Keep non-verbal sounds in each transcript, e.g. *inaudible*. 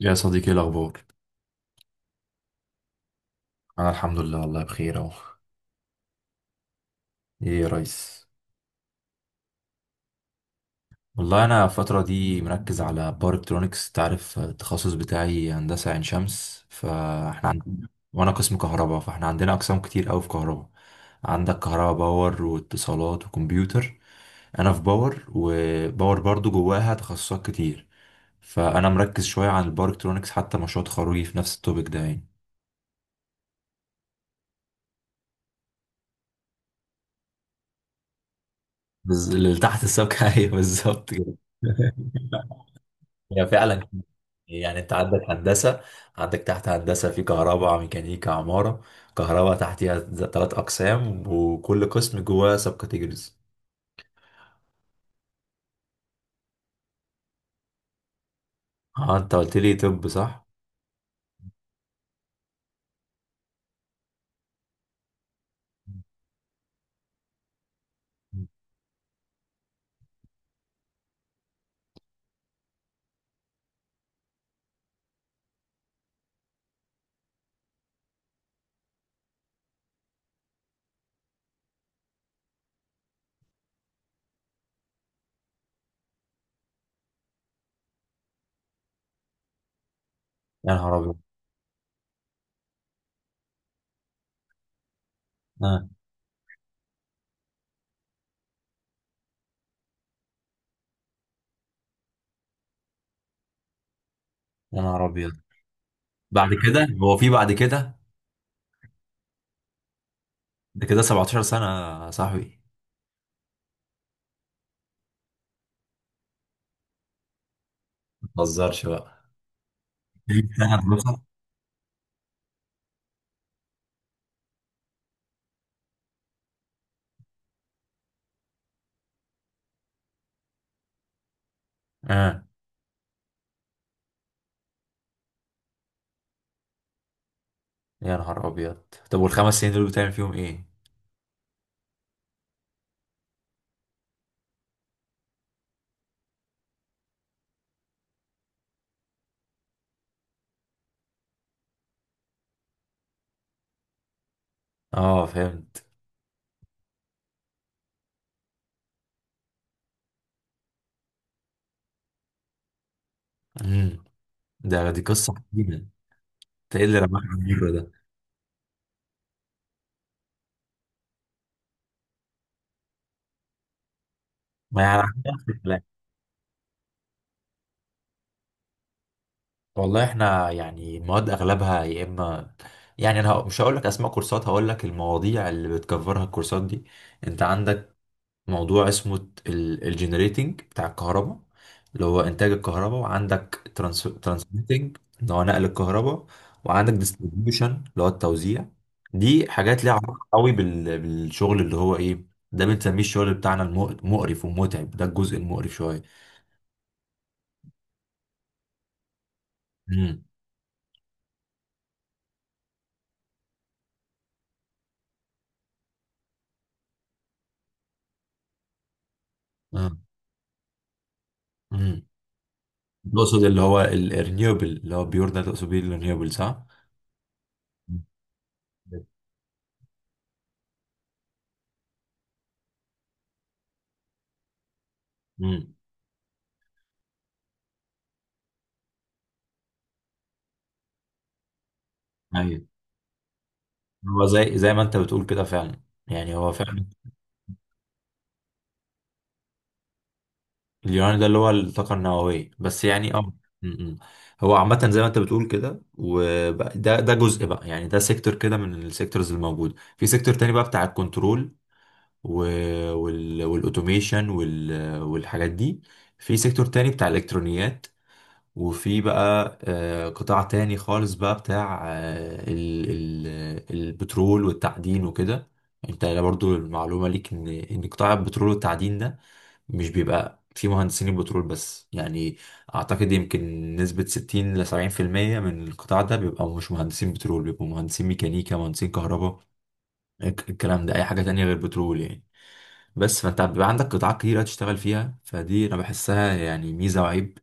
يا صديقي إيه الأخبار؟ أنا الحمد لله، والله بخير أهو. إيه يا ريس؟ والله أنا الفترة دي مركز على باور إلكترونكس. تعرف التخصص بتاعي هندسة عين شمس، فإحنا عندنا، وأنا قسم كهرباء، فإحنا عندنا أقسام كتير أوي في كهرباء. عندك كهرباء باور واتصالات وكمبيوتر. أنا في باور، وباور برضو جواها تخصصات كتير. فأنا مركز شوية عن الباور إلكترونكس، حتى مشروع تخرجي في نفس التوبيك ده يعني. اللي تحت السبكة *laughs* أيوه بالظبط كده. *laughs* هي فعلا. يعني انت عندك هندسه، عندك تحت هندسه في كهرباء ميكانيكا عماره. كهرباء تحتها ثلاث اقسام، وكل قسم جواه سب كاتيجوريز. اه انت قلت لي، طب صح. يا نهار ابيض. آه. يا نهار ابيض. بعد كده هو في بعد كده؟ ده كده 17 سنه يا صاحبي. ما تهزرش بقى. *laughs* سنه دراسه. اه يا نهار ابيض. طب والخمس سنين دول بتعمل فيهم ايه؟ اه فهمت. امم. ده دي قصه حزينه انت. ايه اللي رماك على المره؟ ما يعني عندنا نفس الكلام. والله احنا يعني المواد اغلبها يا اما، يعني مش هقول لك اسماء كورسات، هقول لك المواضيع اللي بتكفرها الكورسات دي. انت عندك موضوع اسمه الجنريتنج بتاع الكهرباء، اللي هو انتاج الكهرباء، وعندك ترانسميتنج اللي هو نقل الكهرباء، وعندك ديستريبيوشن اللي هو التوزيع. دي حاجات ليها علاقه قوي بالشغل اللي هو ايه. ده بنسميه الشغل بتاعنا المقرف ومتعب، ده الجزء المقرف شويه. امم، تقصد اللي هو الرينيوبل؟ اللي هو بيور ده تقصد بيه الرينيوبل صح؟ امم. ايوه، هو زي زي ما انت بتقول كده فعلا، يعني هو فعلا. اليوراني ده اللي هو الطاقه النوويه بس يعني، اه. امم. هو عامه زي ما انت بتقول كده. وده ده جزء بقى، يعني ده سيكتور كده من السيكتورز الموجوده. في سيكتور تاني بقى بتاع الكنترول والاوتوميشن والحاجات دي. في سيكتور تاني بتاع الالكترونيات. وفي بقى قطاع تاني خالص بقى بتاع البترول والتعدين وكده. انت برضو المعلومة ليك ان قطاع البترول والتعدين ده مش بيبقى فيه مهندسين البترول بس يعني. اعتقد يمكن نسبة 60 ل 70% من القطاع ده بيبقى مش مهندسين بترول، بيبقوا مهندسين ميكانيكا مهندسين كهرباء. الكلام ده اي حاجة تانية غير بترول يعني. بس فانت بيبقى عندك قطاعات كتيرة تشتغل فيها، فدي انا بحسها يعني ميزة وعيب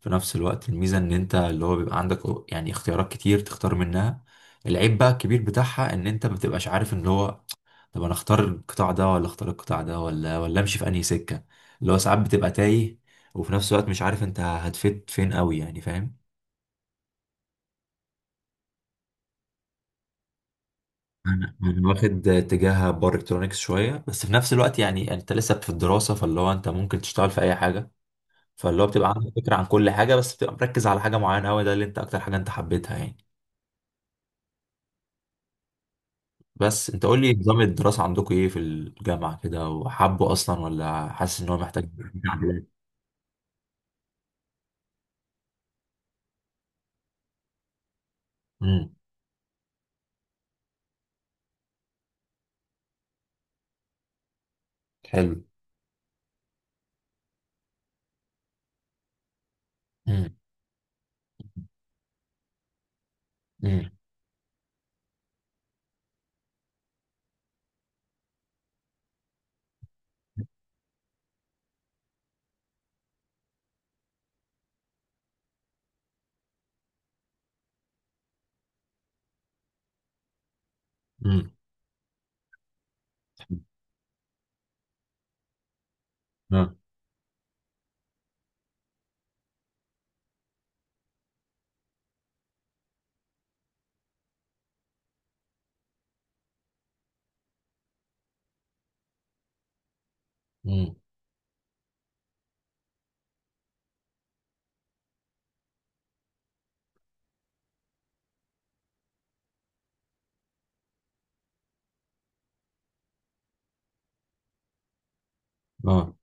في نفس الوقت. الميزة ان انت اللي هو بيبقى عندك يعني اختيارات كتير تختار منها. العيب بقى الكبير بتاعها ان انت ما بتبقاش عارف ان هو، طب انا اختار القطاع ده ولا اختار القطاع ده ولا امشي في انهي سكة. اللي هو ساعات بتبقى تايه، وفي نفس الوقت مش عارف انت هتفيد فين قوي يعني، فاهم؟ أنا واخد اتجاه باور الكترونكس شويه، بس في نفس الوقت يعني انت لسه في الدراسه، فاللي هو انت ممكن تشتغل في اي حاجه. فاللي هو بتبقى عندك فكرة عن كل حاجة، بس بتبقى مركز على حاجة معينة أوي، ده اللي أنت أكتر حاجة أنت حبيتها يعني. بس أنت قول لي، نظام الدراسة عندكم إيه في الجامعة كده؟ وحابه أصلا، ولا حاسس إن هو محتاج تعديلات؟ امم. حلو. امم. امم. امم. اه. امم. اه.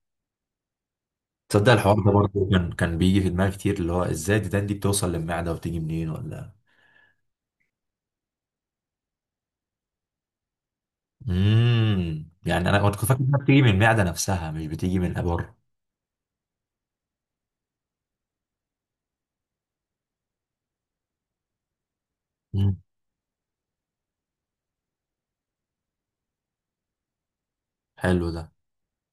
تصدق الحوار ده برضه كان بيجي في دماغي كتير، اللي هو إزاي الديدان دي بتوصل للمعدة وبتيجي منين ولا. امم، يعني أنا كنت فاكر إنها بتيجي من المعدة نفسها، مش بتيجي من الأبر. امم. حلو ده.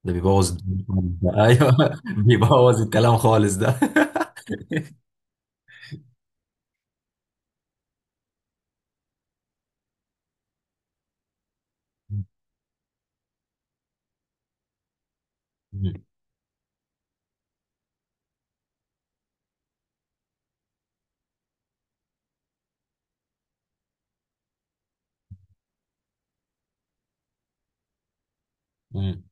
ده بيبوظ الدنيا خالص ده. ايوه. *laughs* بيبوظ الكلام خالص ده. *laughs* مم. مم.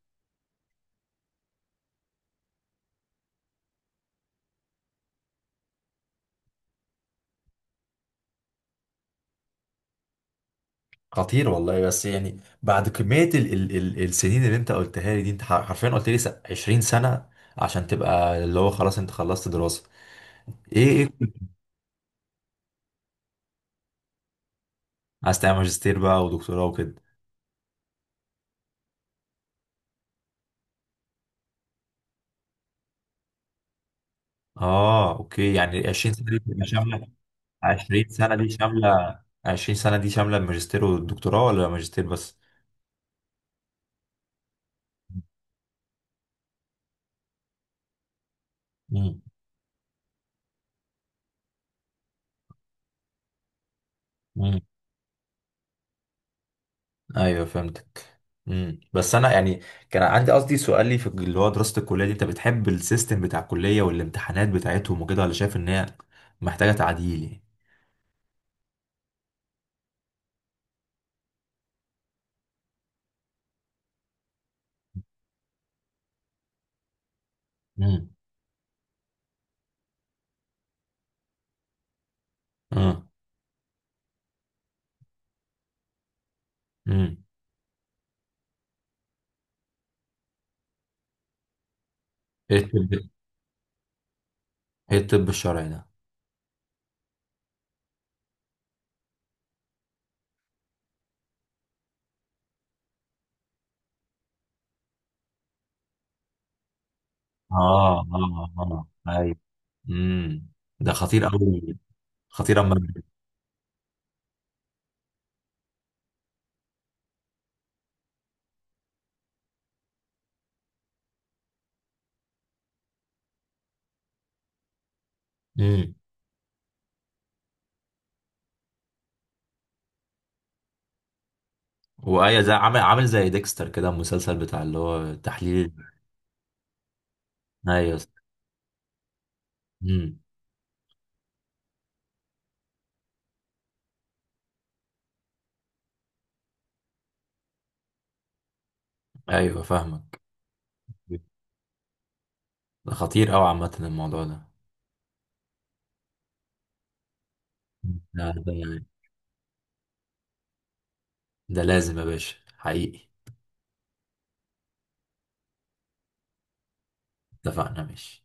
خطير والله. بس يعني بعد كمية ال السنين اللي انت قلتها لي دي، انت حرفيا قلت لي 20 سنة عشان تبقى اللي هو خلاص انت خلصت دراسة. ايه ايه كنت عايز تعمل ماجستير بقى ودكتوراه وكده؟ اه اوكي، يعني 20 سنة دي بتبقى شاملة. 20 سنة دي شاملة، 20 سنة دي شاملة الماجستير والدكتوراه، ولا ماجستير بس؟ مم. ايوه فهمتك. امم، بس انا يعني كان عندي قصدي سؤالي في اللي هو دراسه الكليه دي، انت بتحب السيستم بتاع الكليه والامتحانات بتاعتهم وكده، ولا شايف ان هي محتاجه تعديل يعني؟ امم. امم. امم. ايه الطب؟ ايه الطب الشرعي ده؟ اه اه اه ايوه. امم. ده خطير قوي. خطير اما. امم. وايه، زي عامل عامل زي ديكستر كده المسلسل بتاع اللي هو تحليل. ايوه. امم. ايوه فاهمك. ده خطير قوي عامه الموضوع ده. ده ده لازم يا باشا حقيقي. اتفقنا ماشي.